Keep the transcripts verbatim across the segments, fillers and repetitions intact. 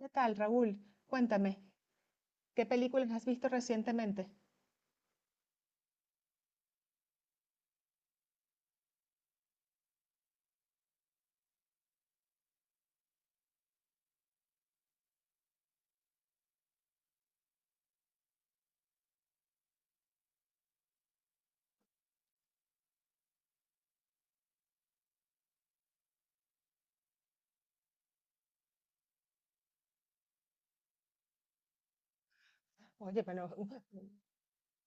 ¿Qué tal, Raúl? Cuéntame, ¿qué películas has visto recientemente? Oye, pero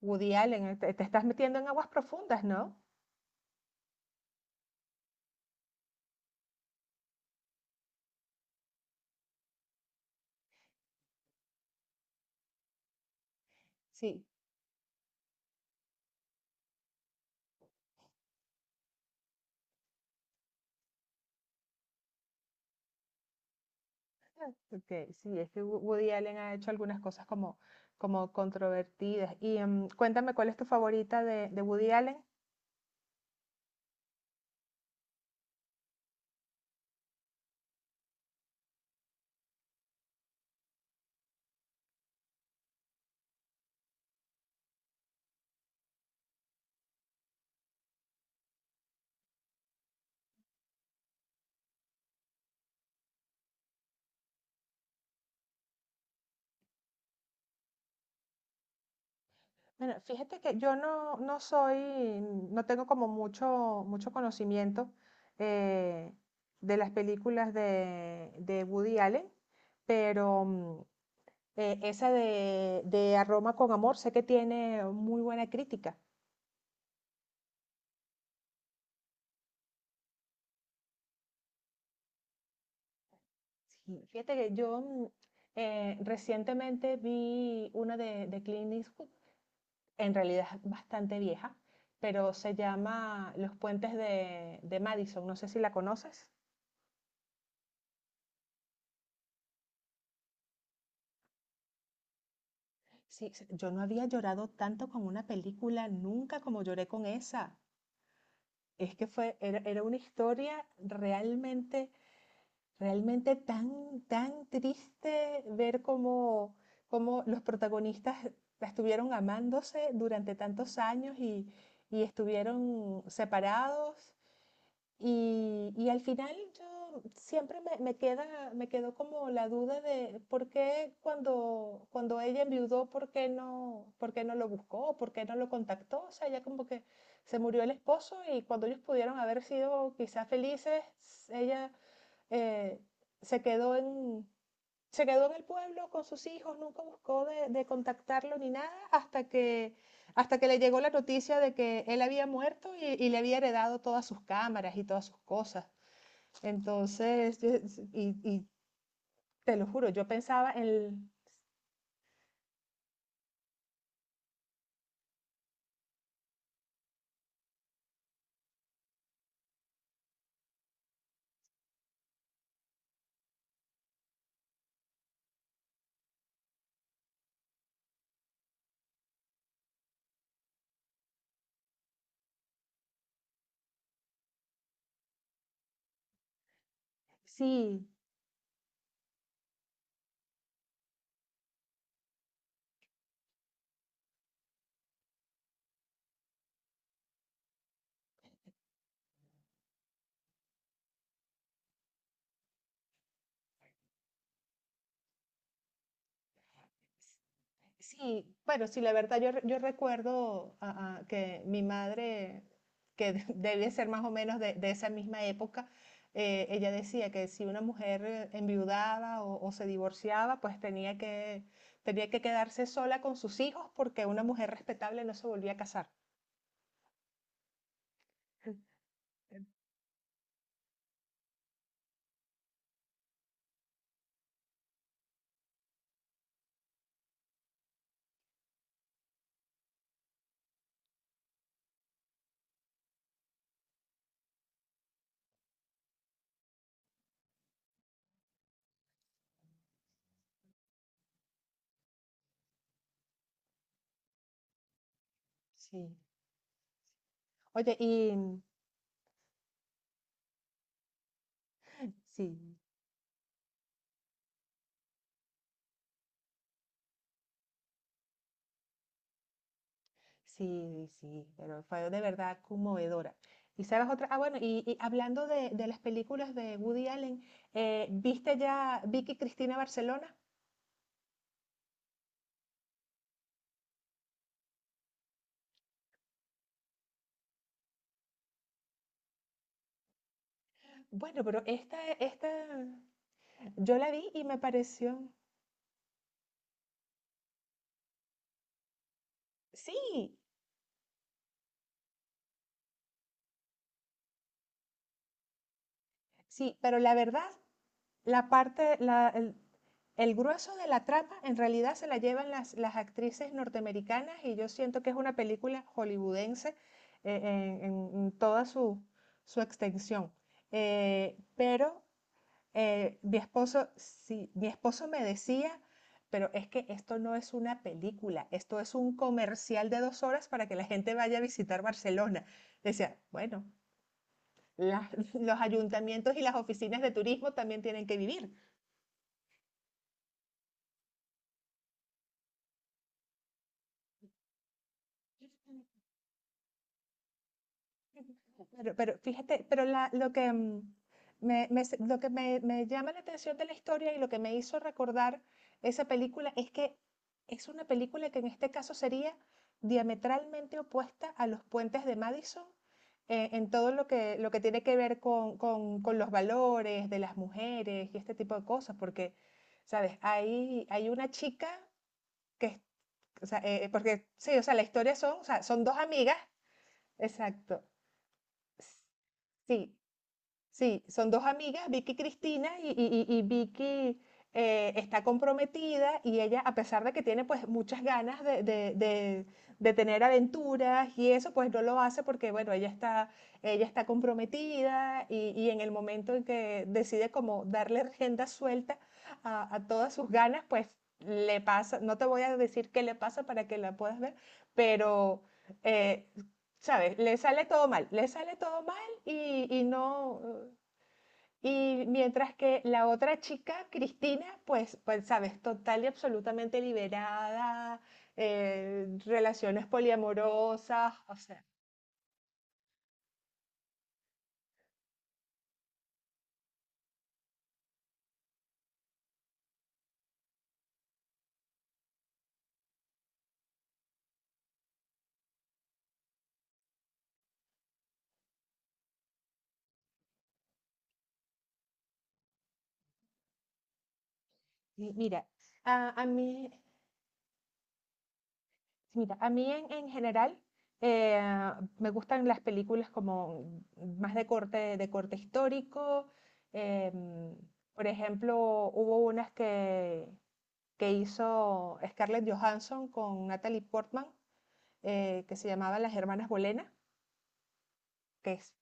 Woody Allen, eh, te, te estás metiendo en aguas profundas, ¿no? Sí. Ok, sí, es que Wo- Woody Allen ha hecho algunas cosas como, como controvertidas. Y em, cuéntame, ¿cuál es tu favorita de, de Woody Allen? Bueno, fíjate que yo no, no soy, no tengo como mucho, mucho conocimiento eh, de las películas de, de Woody Allen, pero Eh, esa de, de Aroma con Amor, sé que tiene muy buena crítica. Sí. Fíjate que yo, mm, eh, recientemente vi una de, de Clint Eastwood, en realidad es bastante vieja, pero se llama Los puentes de, de Madison, no sé si la conoces. Sí, se- yo no había llorado tanto con una película nunca como lloré con esa. Es que fue, era, era una historia realmente Realmente tan, tan triste ver cómo, cómo los protagonistas estuvieron amándose durante tantos años y, y estuvieron separados. Y, y al final yo siempre me, me queda, me quedó como la duda de por qué cuando, cuando ella enviudó, por qué no, por qué no lo buscó, por qué no lo contactó. O sea, ella como que se murió el esposo, y cuando ellos pudieron haber sido quizás felices, ella eh, se quedó en, se quedó en el pueblo con sus hijos, nunca buscó de, de contactarlo ni nada hasta que, hasta que le llegó la noticia de que él había muerto y, y le había heredado todas sus cámaras y todas sus cosas. Entonces, y, y te lo juro, yo pensaba en, el- Sí, sí, bueno, sí, la verdad yo, re- yo recuerdo, ah, ah, que mi madre, que de- debe ser más o menos de, de esa misma época. Eh, ella decía que si una mujer eh, enviudaba o, o se divorciaba, pues tenía que, tenía que quedarse sola con sus hijos, porque una mujer respetable no se volvía a casar. Sí. Oye, y sí, sí, sí, pero fue de verdad conmovedora. Y sabes otra, ah, bueno, y, y hablando de, de las películas de Woody Allen, eh, ¿viste ya Vicky Cristina Barcelona? Bueno, pero esta, esta, yo la vi y me pareció, sí, sí, pero la verdad, la parte, la, el- El grueso de la trama en realidad se la llevan las, las actrices norteamericanas, y yo siento que es una película hollywoodense eh, en en toda su, su extensión. Eh, pero eh, mi esposo, sí, mi esposo me decía: pero es que esto no es una película, esto es un comercial de dos horas para que la gente vaya a visitar Barcelona. Decía: bueno, la- los ayuntamientos y las oficinas de turismo también tienen que vivir. Pero, pero fíjate, pero la- lo que, mm, me, me se- lo que me, me llama la atención de la historia, y lo que me hizo recordar esa película, es que es una película que en este caso sería diametralmente opuesta a Los puentes de Madison, eh, en todo lo que lo que tiene que ver con, con- con los valores de las mujeres y este tipo de cosas. Porque, ¿sabes? Hay, hay una chica que, es- o sea, eh, eh, porque sí, o sea, la historia son, o sea, son dos amigas, exacto. Sí, sí, son dos amigas, Vicky y Cristina, y, y- y- y Vicky eh, está comprometida, y ella, a pesar de que tiene pues muchas ganas de, de- de- de tener aventuras y eso, pues no lo hace porque, bueno, ella está, ella está comprometida. Y, y en el momento en que decide como darle agenda suelta a, a todas sus ganas, pues le pasa, no te voy a decir qué le pasa para que la puedas ver, pero... eh, ¿Sabes? Le sale todo mal, le sale todo mal, y, y no, y mientras que la otra chica, Cristina, pues, pues sabes, total y absolutamente liberada, eh, relaciones poliamorosas, o sea, y mira, a, a mí, mira, a mí en, en general, eh, me gustan las películas como más de corte, de corte histórico. em, por ejemplo, hubo unas que, que hizo Scarlett Johansson con Natalie Portman, eh, que se llamaba Las Hermanas Bolena, que es-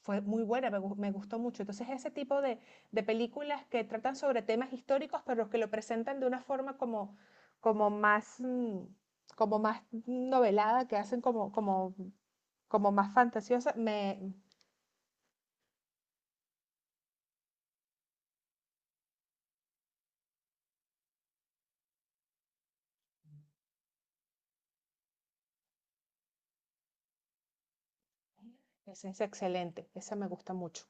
fue muy buena, me, me gustó mucho. Entonces, ese tipo de, de películas que tratan sobre temas históricos, pero que lo presentan de una forma como, como más, mm, como más novelada, que hacen como, como, como más fantasiosa, me, Esa es excelente, esa me gusta mucho.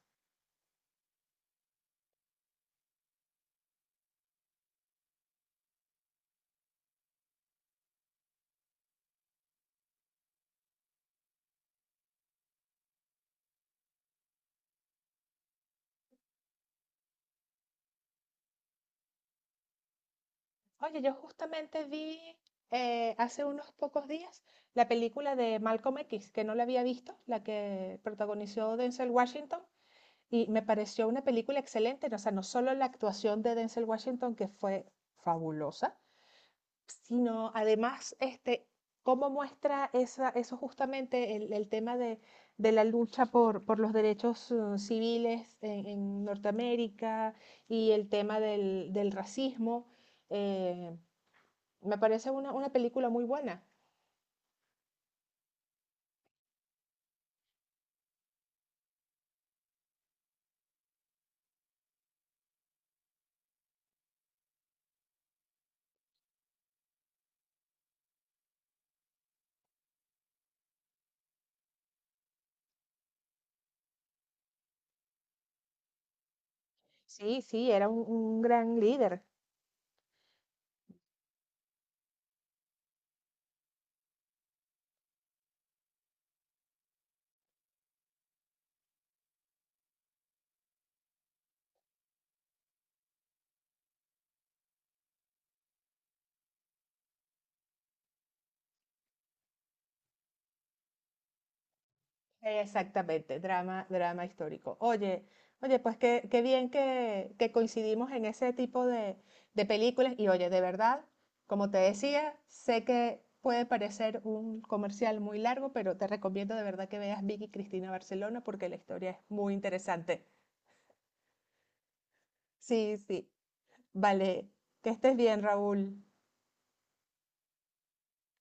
Oye, yo justamente vi, eh, hace unos pocos días, la película de Malcolm X, que no la había visto, la que protagonizó Denzel Washington. Y me pareció una película excelente, o sea, no solo la actuación de Denzel Washington, que fue fabulosa, sino además este, cómo muestra esa, eso justamente, el, el tema de de la lucha por, por los derechos eh, civiles en, en Norteamérica, y el tema del, del racismo. eh, Me parece una, una película muy buena. Sí, sí, era un, un gran líder. Exactamente, drama, drama histórico. Oye, oye, pues qué, qué bien que, que coincidimos en ese tipo de, de películas. Y oye, de verdad, como te decía, sé que puede parecer un comercial muy largo, pero te recomiendo de verdad que veas Vicky Cristina Barcelona porque la historia es muy interesante. Sí, sí. Vale, que estés bien, Raúl.